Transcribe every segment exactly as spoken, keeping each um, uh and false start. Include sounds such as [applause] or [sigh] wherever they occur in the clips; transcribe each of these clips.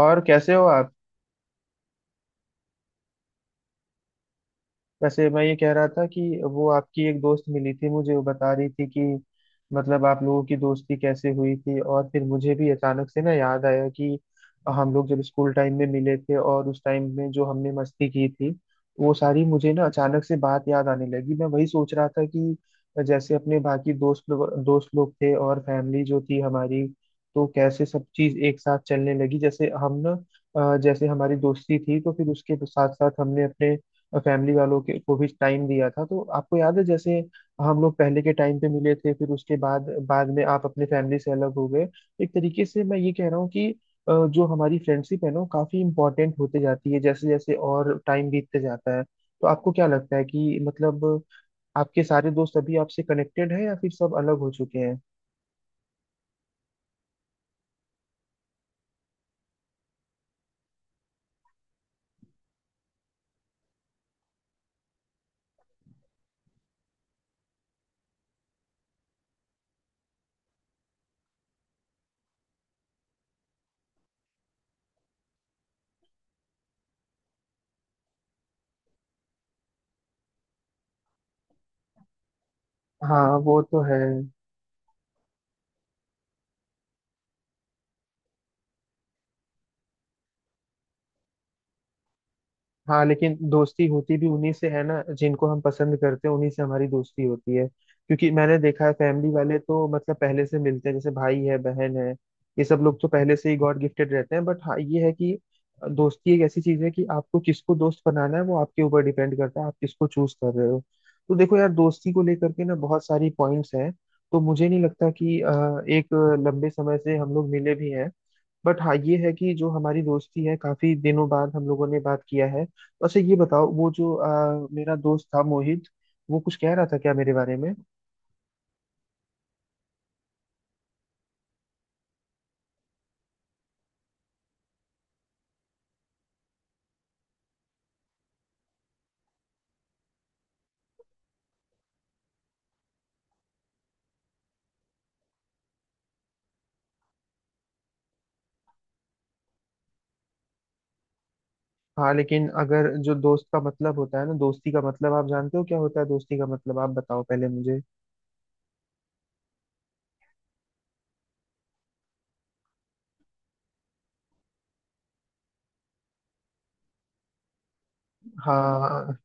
और कैसे हो आप? वैसे मैं ये कह रहा था कि वो आपकी एक दोस्त मिली थी मुझे, वो बता रही थी कि मतलब आप लोगों की दोस्ती कैसे हुई थी, और फिर मुझे भी अचानक से ना याद आया कि हम लोग जब स्कूल टाइम में मिले थे और उस टाइम में जो हमने मस्ती की थी वो सारी मुझे ना अचानक से बात याद आने लगी। मैं वही सोच रहा था कि जैसे अपने बाकी दोस्त लोग दोस्त लोग थे और फैमिली जो थी हमारी, तो कैसे सब चीज एक साथ चलने लगी। जैसे हम ना अ, जैसे हमारी दोस्ती थी तो फिर उसके साथ साथ हमने अपने फैमिली वालों के को भी टाइम दिया था। तो आपको याद है जैसे हम लोग पहले के टाइम पे मिले थे, फिर उसके बाद बाद में आप अपने फैमिली से अलग हो गए। एक तरीके से मैं ये कह रहा हूँ कि अ, जो हमारी फ्रेंडशिप है ना, वो काफी इंपॉर्टेंट होते जाती है जैसे जैसे और टाइम बीतते जाता है। तो आपको क्या लगता है कि मतलब आपके सारे दोस्त अभी आपसे कनेक्टेड हैं या फिर सब अलग हो चुके हैं? हाँ, वो तो है। हाँ लेकिन दोस्ती होती भी उन्हीं से है ना जिनको हम पसंद करते हैं, उन्हीं से हमारी दोस्ती होती है, क्योंकि मैंने देखा है फैमिली वाले तो मतलब पहले से मिलते हैं, जैसे भाई है, बहन है, ये सब लोग तो पहले से ही गॉड गिफ्टेड रहते हैं। बट हाँ ये है कि दोस्ती एक ऐसी चीज है कि आपको किसको दोस्त बनाना है वो आपके ऊपर डिपेंड करता है, आप किसको चूज कर रहे हो। तो देखो यार, दोस्ती को लेकर के ना बहुत सारी पॉइंट्स हैं। तो मुझे नहीं लगता कि अ, एक लंबे समय से हम लोग मिले भी हैं। बट हाँ ये है कि जो हमारी दोस्ती है, काफी दिनों बाद हम लोगों ने बात किया है। वैसे ये बताओ, वो जो आ, मेरा दोस्त था मोहित, वो कुछ कह रहा था क्या मेरे बारे में? हाँ लेकिन अगर जो दोस्त का मतलब होता है ना, दोस्ती का मतलब आप जानते हो क्या होता है? दोस्ती का मतलब आप बताओ पहले मुझे। हाँ।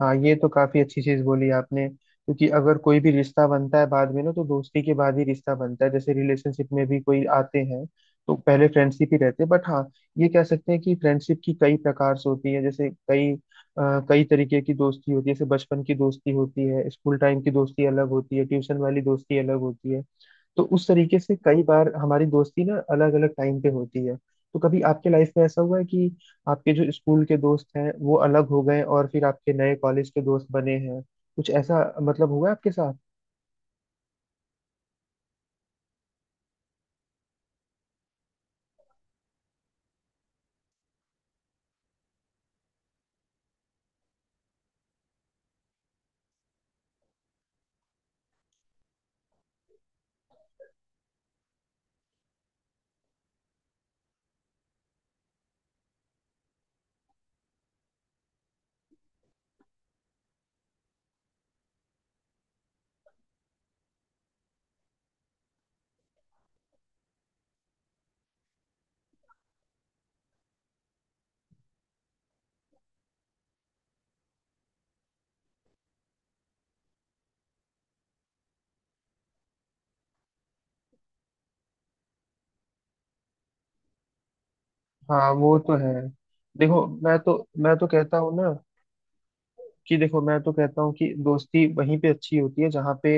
हाँ ये तो काफी अच्छी चीज बोली आपने, क्योंकि अगर कोई भी रिश्ता बनता है बाद में ना, तो दोस्ती के बाद ही रिश्ता बनता है, जैसे रिलेशनशिप में भी कोई आते हैं तो पहले फ्रेंडशिप ही रहते हैं। बट हाँ, ये कह सकते हैं कि फ्रेंडशिप की कई प्रकार से होती है, जैसे कई अ, कई तरीके की दोस्ती होती है, जैसे बचपन की दोस्ती होती है, स्कूल टाइम की दोस्ती अलग होती है, ट्यूशन वाली दोस्ती अलग होती है। तो उस तरीके से कई बार हमारी दोस्ती ना अलग अलग टाइम पे होती है। तो कभी आपके लाइफ में ऐसा हुआ है कि आपके जो स्कूल के दोस्त हैं वो अलग हो गए और फिर आपके नए कॉलेज के दोस्त बने हैं, कुछ ऐसा मतलब हुआ है आपके साथ? हाँ वो तो है। देखो, मैं तो मैं तो कहता हूँ ना कि देखो मैं तो कहता हूँ कि दोस्ती वहीं पे अच्छी होती है जहाँ पे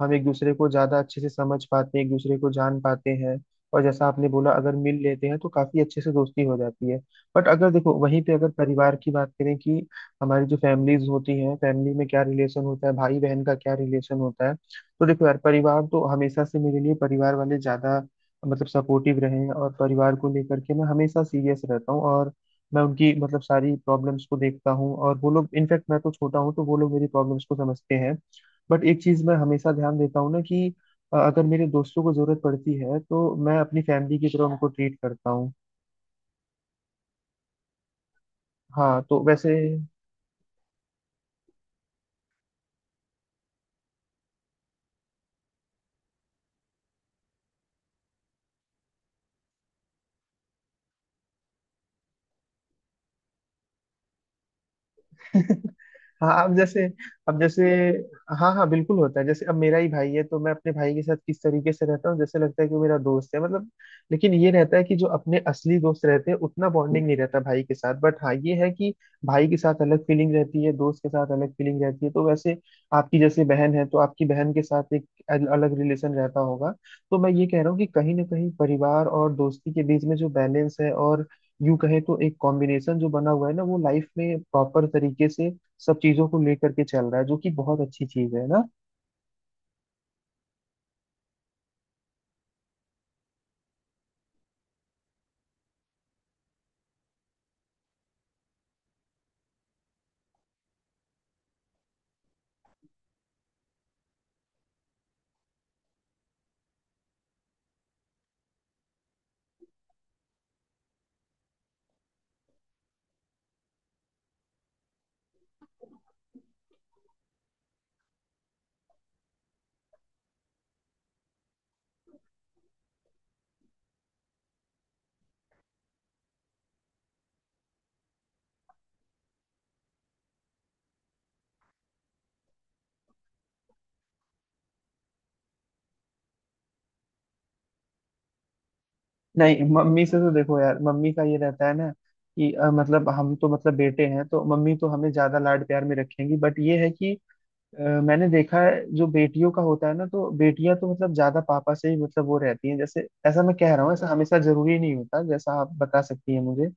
हम एक दूसरे को ज्यादा अच्छे से समझ पाते हैं, एक दूसरे को जान पाते हैं, और जैसा आपने बोला, अगर मिल लेते हैं तो काफी अच्छे से दोस्ती हो जाती है। बट अगर देखो वहीं पे अगर परिवार की बात करें कि हमारी जो फैमिलीज होती हैं, फैमिली में क्या रिलेशन होता है, भाई बहन का क्या रिलेशन होता है, तो देखो यार, परिवार तो हमेशा से मेरे लिए परिवार वाले ज्यादा मतलब सपोर्टिव रहे हैं, और परिवार को लेकर के मैं हमेशा सीरियस रहता हूँ, और मैं उनकी मतलब सारी प्रॉब्लम्स को देखता हूँ, और वो लोग इनफैक्ट, मैं तो छोटा हूँ, तो वो लोग मेरी प्रॉब्लम्स को समझते हैं। बट एक चीज मैं हमेशा ध्यान देता हूँ ना कि अ, अगर मेरे दोस्तों को जरूरत पड़ती है तो मैं अपनी फैमिली की तरह उनको ट्रीट करता हूँ। हाँ तो वैसे। हाँ अब जैसे अब जैसे, हाँ हाँ बिल्कुल होता है, जैसे अब मेरा ही भाई है तो मैं अपने भाई के साथ किस तरीके से रहता हूँ, जैसे लगता है कि वो मेरा दोस्त है मतलब। लेकिन ये रहता है कि जो अपने असली दोस्त रहते हैं, उतना बॉन्डिंग नहीं रहता भाई के साथ। बट हाँ ये है कि भाई के साथ अलग फीलिंग रहती है, दोस्त के साथ अलग फीलिंग रहती है। तो वैसे आपकी जैसे बहन है, तो आपकी बहन के साथ एक अल- अलग रिलेशन रहता होगा। तो मैं ये कह रहा हूँ कि कहीं ना कहीं परिवार और दोस्ती के बीच में जो बैलेंस है, और यूं कहे तो एक कॉम्बिनेशन जो बना हुआ है ना, वो लाइफ में प्रॉपर तरीके से सब चीजों को लेकर के चल रहा है, जो कि बहुत अच्छी चीज है ना। नहीं, मम्मी से तो देखो यार, मम्मी का ये रहता है ना कि अ, मतलब हम तो मतलब बेटे हैं, तो मम्मी तो हमें ज्यादा लाड प्यार में रखेंगी। बट ये है कि अ, मैंने देखा है जो बेटियों का होता है ना, तो बेटियां तो मतलब ज्यादा पापा से ही मतलब वो रहती हैं, जैसे ऐसा मैं कह रहा हूँ, ऐसा हमेशा जरूरी नहीं होता, जैसा आप बता सकती हैं मुझे।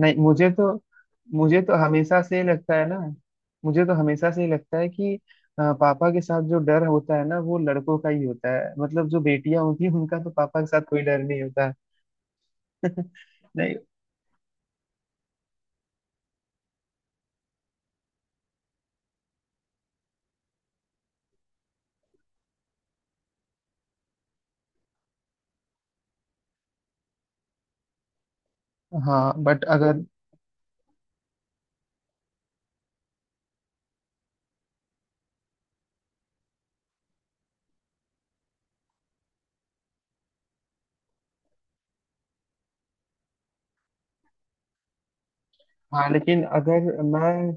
नहीं। मुझे तो मुझे तो हमेशा से ही लगता है ना मुझे तो हमेशा से ही लगता है कि अ, पापा के साथ जो डर होता है ना, वो लड़कों का ही होता है, मतलब जो बेटियां होती हैं उनका तो पापा के साथ कोई डर नहीं होता [laughs] है। नहीं। हाँ बट अगर। हाँ लेकिन अगर मैं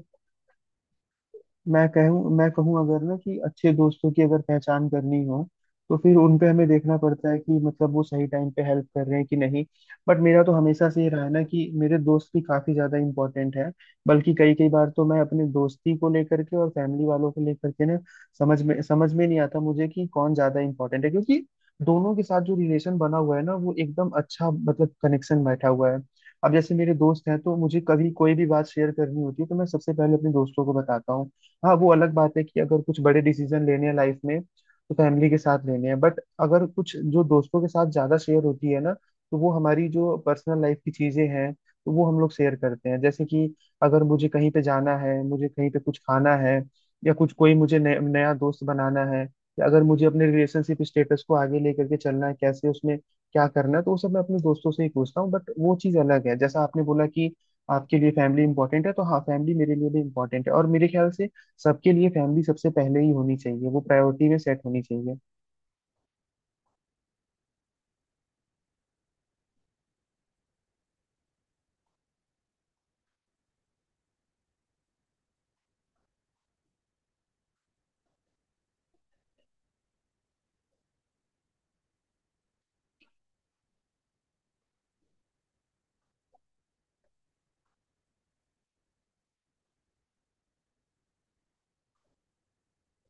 मैं कहूँ मैं कहूँ अगर ना कि अच्छे दोस्तों की अगर पहचान करनी हो, तो फिर उन पे हमें देखना पड़ता है कि मतलब वो सही टाइम पे हेल्प कर रहे हैं कि नहीं। बट मेरा तो हमेशा से ये रहा है ना कि मेरे दोस्त भी काफी ज्यादा इंपॉर्टेंट है। बल्कि कई कई बार तो मैं अपने दोस्ती को लेकर के और फैमिली वालों को लेकर के ना समझ में समझ में नहीं आता मुझे कि कौन ज्यादा इंपॉर्टेंट है, क्योंकि दोनों के साथ जो रिलेशन बना हुआ है ना, वो एकदम अच्छा मतलब कनेक्शन बैठा हुआ है। अब जैसे मेरे दोस्त हैं, तो मुझे कभी कोई भी बात शेयर करनी होती है तो मैं सबसे पहले अपने दोस्तों को बताता हूँ। हाँ, वो अलग बात है कि अगर कुछ बड़े डिसीजन लेने हैं लाइफ में तो फैमिली के साथ लेने हैं। बट अगर कुछ जो दोस्तों के साथ ज्यादा शेयर होती है ना, तो वो हमारी जो पर्सनल लाइफ की चीजें हैं तो वो हम लोग शेयर करते हैं, जैसे कि अगर मुझे कहीं पे जाना है, मुझे कहीं पे कुछ खाना है, या कुछ कोई मुझे नया नया दोस्त बनाना है, या अगर मुझे अपने रिलेशनशिप स्टेटस को आगे लेकर के चलना है, कैसे उसमें क्या करना है, तो वो सब मैं अपने दोस्तों से ही पूछता हूँ। बट वो चीज़ अलग है जैसा आपने बोला कि आपके लिए फैमिली इंपॉर्टेंट है, तो हाँ फैमिली मेरे लिए भी इंपॉर्टेंट है, और मेरे ख्याल से सबके लिए फैमिली सबसे पहले ही होनी चाहिए, वो प्रायोरिटी में सेट होनी चाहिए।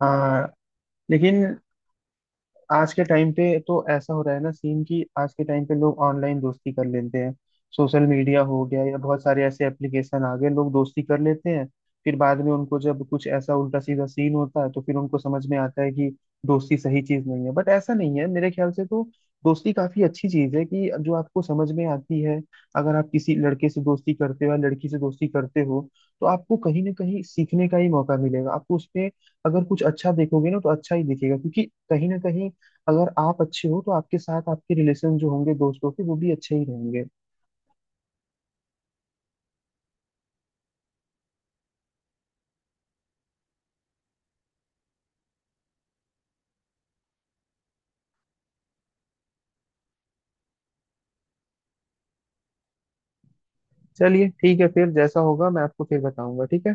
हाँ लेकिन आज के टाइम पे तो ऐसा हो रहा है ना सीन कि आज के टाइम पे लोग ऑनलाइन दोस्ती कर लेते हैं, सोशल मीडिया हो गया या बहुत सारे ऐसे एप्लीकेशन आ गए, लोग दोस्ती कर लेते हैं, फिर बाद में उनको जब कुछ ऐसा उल्टा सीधा सीन होता है तो फिर उनको समझ में आता है कि दोस्ती सही चीज नहीं है। बट ऐसा नहीं है, मेरे ख्याल से तो दोस्ती काफी अच्छी चीज है कि जो आपको समझ में आती है। अगर आप किसी लड़के से दोस्ती करते हो या लड़की से दोस्ती करते हो, तो आपको कहीं ना कहीं सीखने का ही मौका मिलेगा आपको उसमें। अगर कुछ अच्छा देखोगे ना तो अच्छा ही दिखेगा, क्योंकि कहीं ना कहीं अगर आप अच्छे हो तो आपके साथ आपके रिलेशन जो होंगे दोस्तों के, वो भी अच्छे ही रहेंगे। चलिए ठीक है, फिर जैसा होगा मैं आपको फिर बताऊंगा, ठीक है।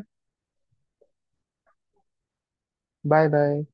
Bye bye.